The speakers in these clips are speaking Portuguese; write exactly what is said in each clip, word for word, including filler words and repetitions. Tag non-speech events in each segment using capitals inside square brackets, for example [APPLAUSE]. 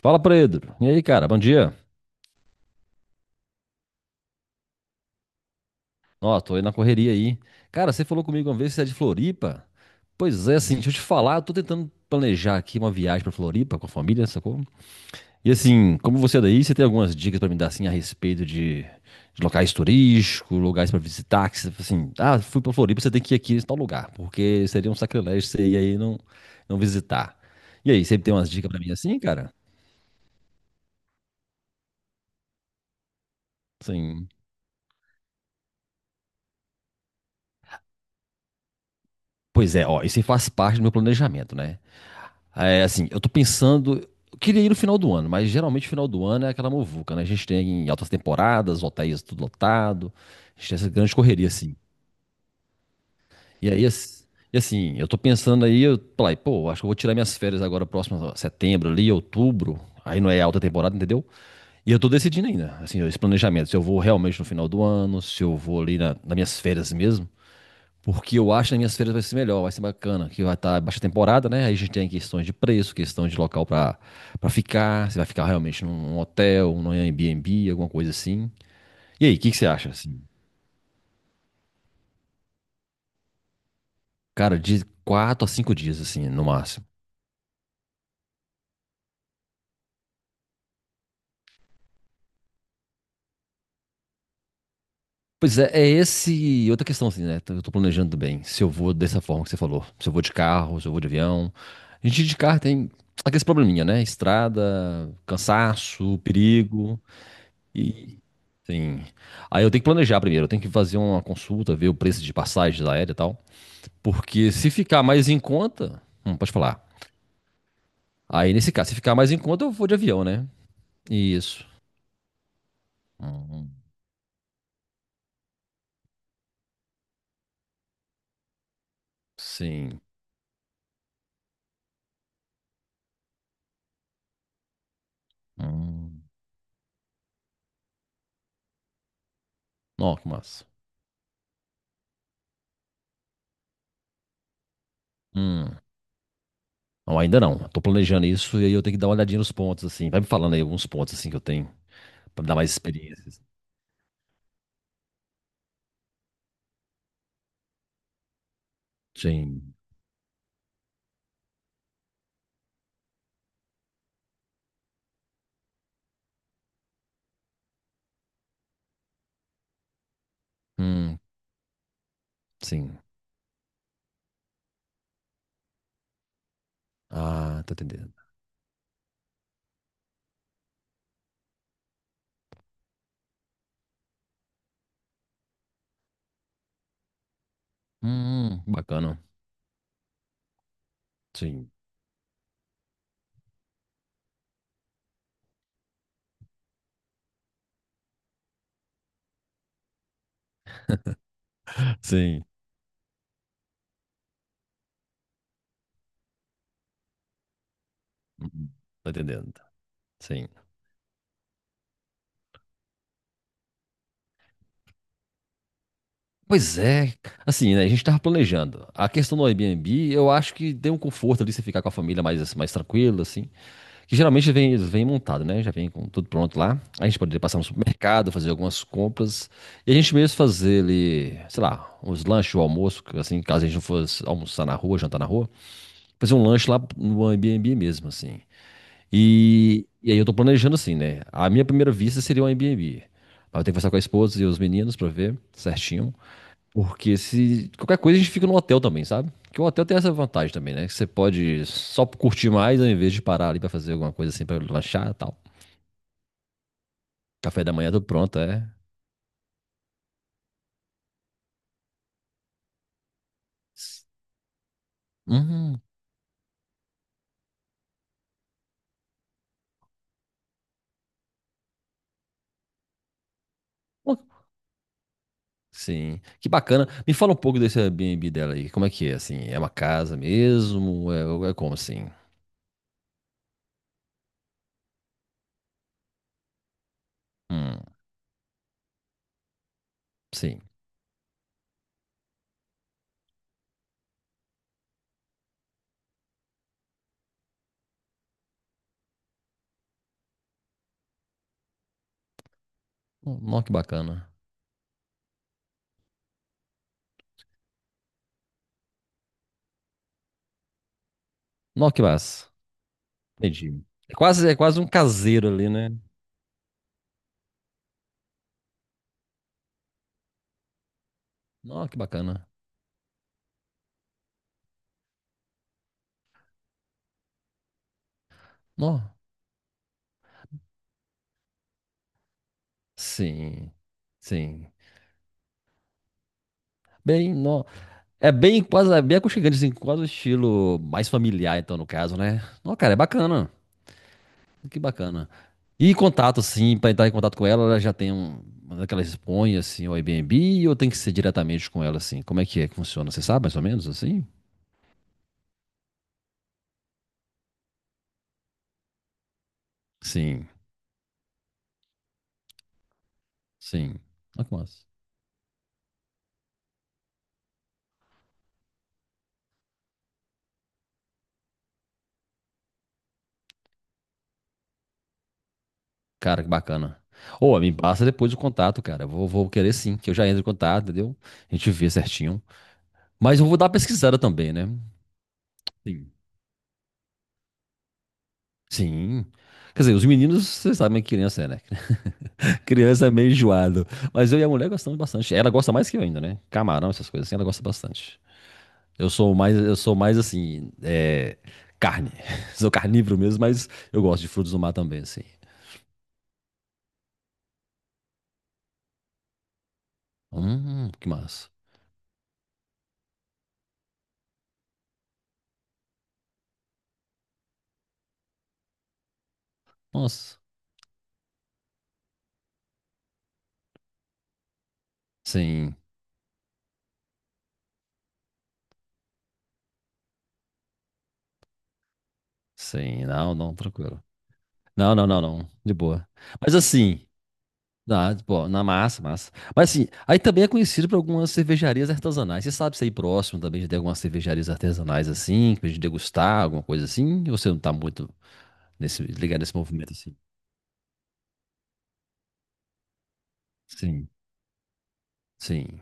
Fala, Pedro. E aí, cara? Bom dia. Ó, tô aí na correria aí. Cara, você falou comigo uma vez que você é de Floripa? Pois é, assim, deixa eu te falar, eu tô tentando planejar aqui uma viagem pra Floripa com a família, sacou? E assim, como você é daí, você tem algumas dicas pra me dar, assim, a respeito de, de locais turísticos, lugares pra visitar, que você, assim, ah, fui pra Floripa, você tem que ir aqui em tal lugar, porque seria um sacrilégio você ir aí e não, não visitar. E aí, você tem umas dicas pra mim assim, cara? Sim. Pois é, ó, isso aí faz parte do meu planejamento, né? É, assim, eu tô pensando. Eu queria ir no final do ano, mas geralmente o final do ano é aquela muvuca, né? A gente tem altas temporadas, hotéis tudo lotado, a gente tem essa grande correria, assim. E aí, ass- e assim, eu tô pensando aí, eu falei, pô, acho que eu vou tirar minhas férias agora próximo a setembro ali, outubro. Aí não é alta temporada, entendeu? E eu tô decidindo ainda, assim, esse planejamento, se eu vou realmente no final do ano, se eu vou ali na, nas minhas férias mesmo. Porque eu acho que nas minhas feiras vai ser melhor, vai ser bacana. Que vai estar baixa temporada, né? Aí a gente tem questões de preço, questão de local para para ficar. Se vai ficar realmente num hotel, num Airbnb, alguma coisa assim. E aí, o que, que você acha, assim? Cara, de quatro a cinco dias, assim, no máximo. Pois é, é esse. Outra questão, assim, né? Eu tô planejando também. Se eu vou dessa forma que você falou. Se eu vou de carro, se eu vou de avião. A gente de carro tem aquele probleminha, né? Estrada, cansaço, perigo. E sim. Aí eu tenho que planejar primeiro, eu tenho que fazer uma consulta, ver o preço de passagens aérea e tal. Porque se ficar mais em conta. Hum, pode falar. Aí nesse caso, se ficar mais em conta, eu vou de avião, né? Isso. Hum, sim. Hum. Ó, que massa. Hum. Não, ainda não. Eu tô planejando isso e aí eu tenho que dar uma olhadinha nos pontos, assim. Vai me falando aí alguns pontos, assim, que eu tenho, pra me dar mais experiências. Sim. Hum, sim. Ah, tô entendendo. Hum, bacana. Sim. Sim. Hum, tô entendendo. Sim. Pois é, assim, né? A gente tava planejando. A questão do Airbnb, eu acho que deu um conforto ali você ficar com a família mais, assim, mais tranquilo, assim. Que geralmente vem, vem montado, né? Já vem com tudo pronto lá. A gente poderia passar no supermercado, fazer algumas compras. E a gente mesmo fazer ali, sei lá, uns lanches, o almoço, assim, caso a gente não fosse almoçar na rua, jantar na rua. Fazer um lanche lá no Airbnb mesmo, assim. E, e aí eu tô planejando assim, né? A minha primeira vista seria um Airbnb. Mas eu tenho que conversar com a esposa e os meninos pra ver certinho. Porque se qualquer coisa a gente fica no hotel também, sabe? Porque o hotel tem essa vantagem também, né? Que você pode só curtir mais ao invés de parar ali pra fazer alguma coisa assim, pra lanchar e tal. Café da manhã tudo pronto, é. Uhum. Sim, que bacana. Me fala um pouco desse Airbnb dela aí. Como é que é, assim? É uma casa mesmo? É, é como assim? Hum, sim. Hum, nó, que bacana. Nó, que massa. Entendi. É quase, é quase um caseiro ali, né? Nó, que bacana. Nó, sim, sim. Bem, nó. É bem quase, é bem aconchegante, assim, quase o estilo mais familiar, então, no caso, né? Não, cara, é bacana. Que bacana. E contato, assim, pra entrar em contato com ela, ela já tem um, uma daquelas põe, assim, o Airbnb, ou tem que ser diretamente com ela, assim? Como é que é que funciona? Você sabe, mais ou menos, assim? Sim, sim. Olha que massa. Cara, que bacana. Ou, me passa depois o contato, cara. Eu Vou, vou querer sim, que eu já entro em contato, entendeu? A gente vê certinho. Mas eu vou dar uma pesquisada também, né? Sim. Sim. Quer dizer, os meninos, vocês sabem que criança é, né? Criança é meio enjoado. Mas eu e a mulher gostamos bastante. Ela gosta mais que eu ainda, né? Camarão, essas coisas assim, ela gosta bastante. Eu sou mais, eu sou mais assim, é, carne. [LAUGHS] Sou carnívoro mesmo, mas eu gosto de frutos do mar também, assim. Hum, que massa. Nossa. Sim, sim. Não, não, tranquilo. Não, não, não, não. De boa. Mas assim, dá, pô, na massa, massa. Mas assim, aí também é conhecido por algumas cervejarias artesanais. Você sabe se é aí próximo também já tem algumas cervejarias artesanais assim, pra gente degustar, alguma coisa assim? Ou você não tá muito nesse, ligado nesse movimento assim? Sim, sim,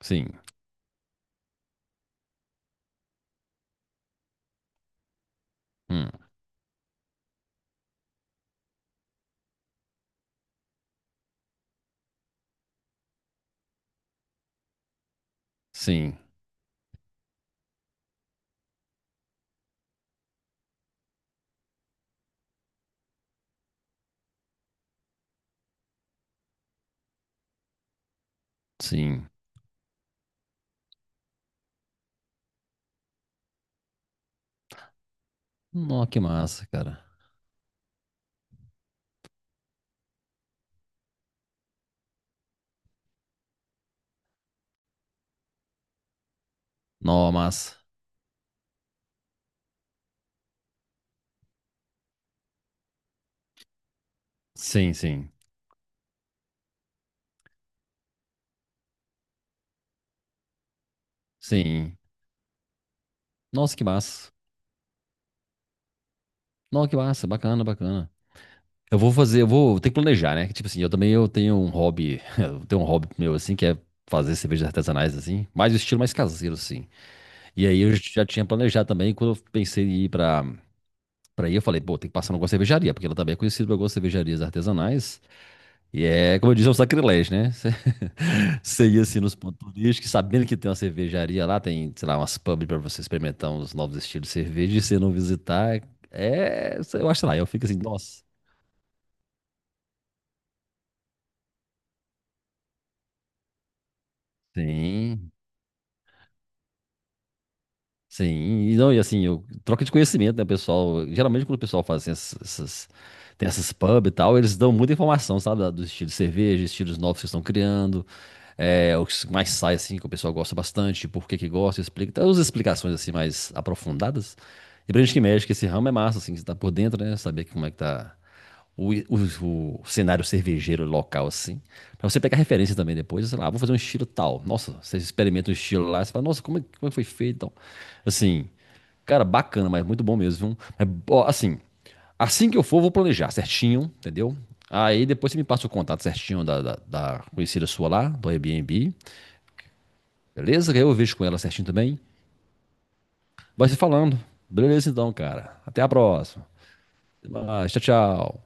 sim. Hum, sim, sim. Nó, que massa, cara. Nó, massa. Sim, sim, sim. Nossa, que massa. Nó, que massa. Bacana, bacana. Eu vou fazer, eu vou ter que planejar, né? Que, Tipo assim, eu também eu tenho um hobby, [LAUGHS] eu tenho um hobby meu assim, que é fazer cervejas artesanais assim, mas o estilo mais caseiro assim. E aí eu já tinha planejado também, quando eu pensei em ir pra para aí, eu falei, pô, tem que passar numa cervejaria, porque ela também é conhecida por algumas cervejarias artesanais. E é, como eu disse, é um sacrilégio, né? [LAUGHS] Você você ir assim nos pontos turísticos, sabendo que tem uma cervejaria lá, tem, sei lá, umas pubs pra você experimentar uns novos estilos de cerveja e você não visitar, é, eu acho lá, eu fico assim, nossa. Sim. Sim, e não, e assim, eu, troca de conhecimento, né, pessoal? Geralmente quando o pessoal faz assim, essas, essas- tem essas pub e tal, eles dão muita informação, sabe? da- Dos estilos de cerveja, estilos novos que estão criando, é, o que mais sai, assim, que o pessoal gosta bastante, por que que gosta, explica, traz umas explicações, assim, mais aprofundadas. E pra gente que mexe, que esse ramo é massa, assim, que você tá por dentro, né? Saber como é que tá o, o, o cenário cervejeiro local, assim, pra você pegar referência também depois, sei lá, vou fazer um estilo tal. Nossa, você experimenta um estilo lá, você fala, nossa, como, é- como é que foi feito e tal. Assim, cara, bacana, mas muito bom mesmo. Viu? Mas, ó, assim, assim que eu for, eu vou planejar certinho, entendeu? Aí depois você me passa o contato certinho da, da, da conhecida sua lá, do Airbnb, beleza? Que aí eu vejo com ela certinho também. Vai se falando. Beleza então, cara. Até a próxima. Até mais. Tchau, tchau.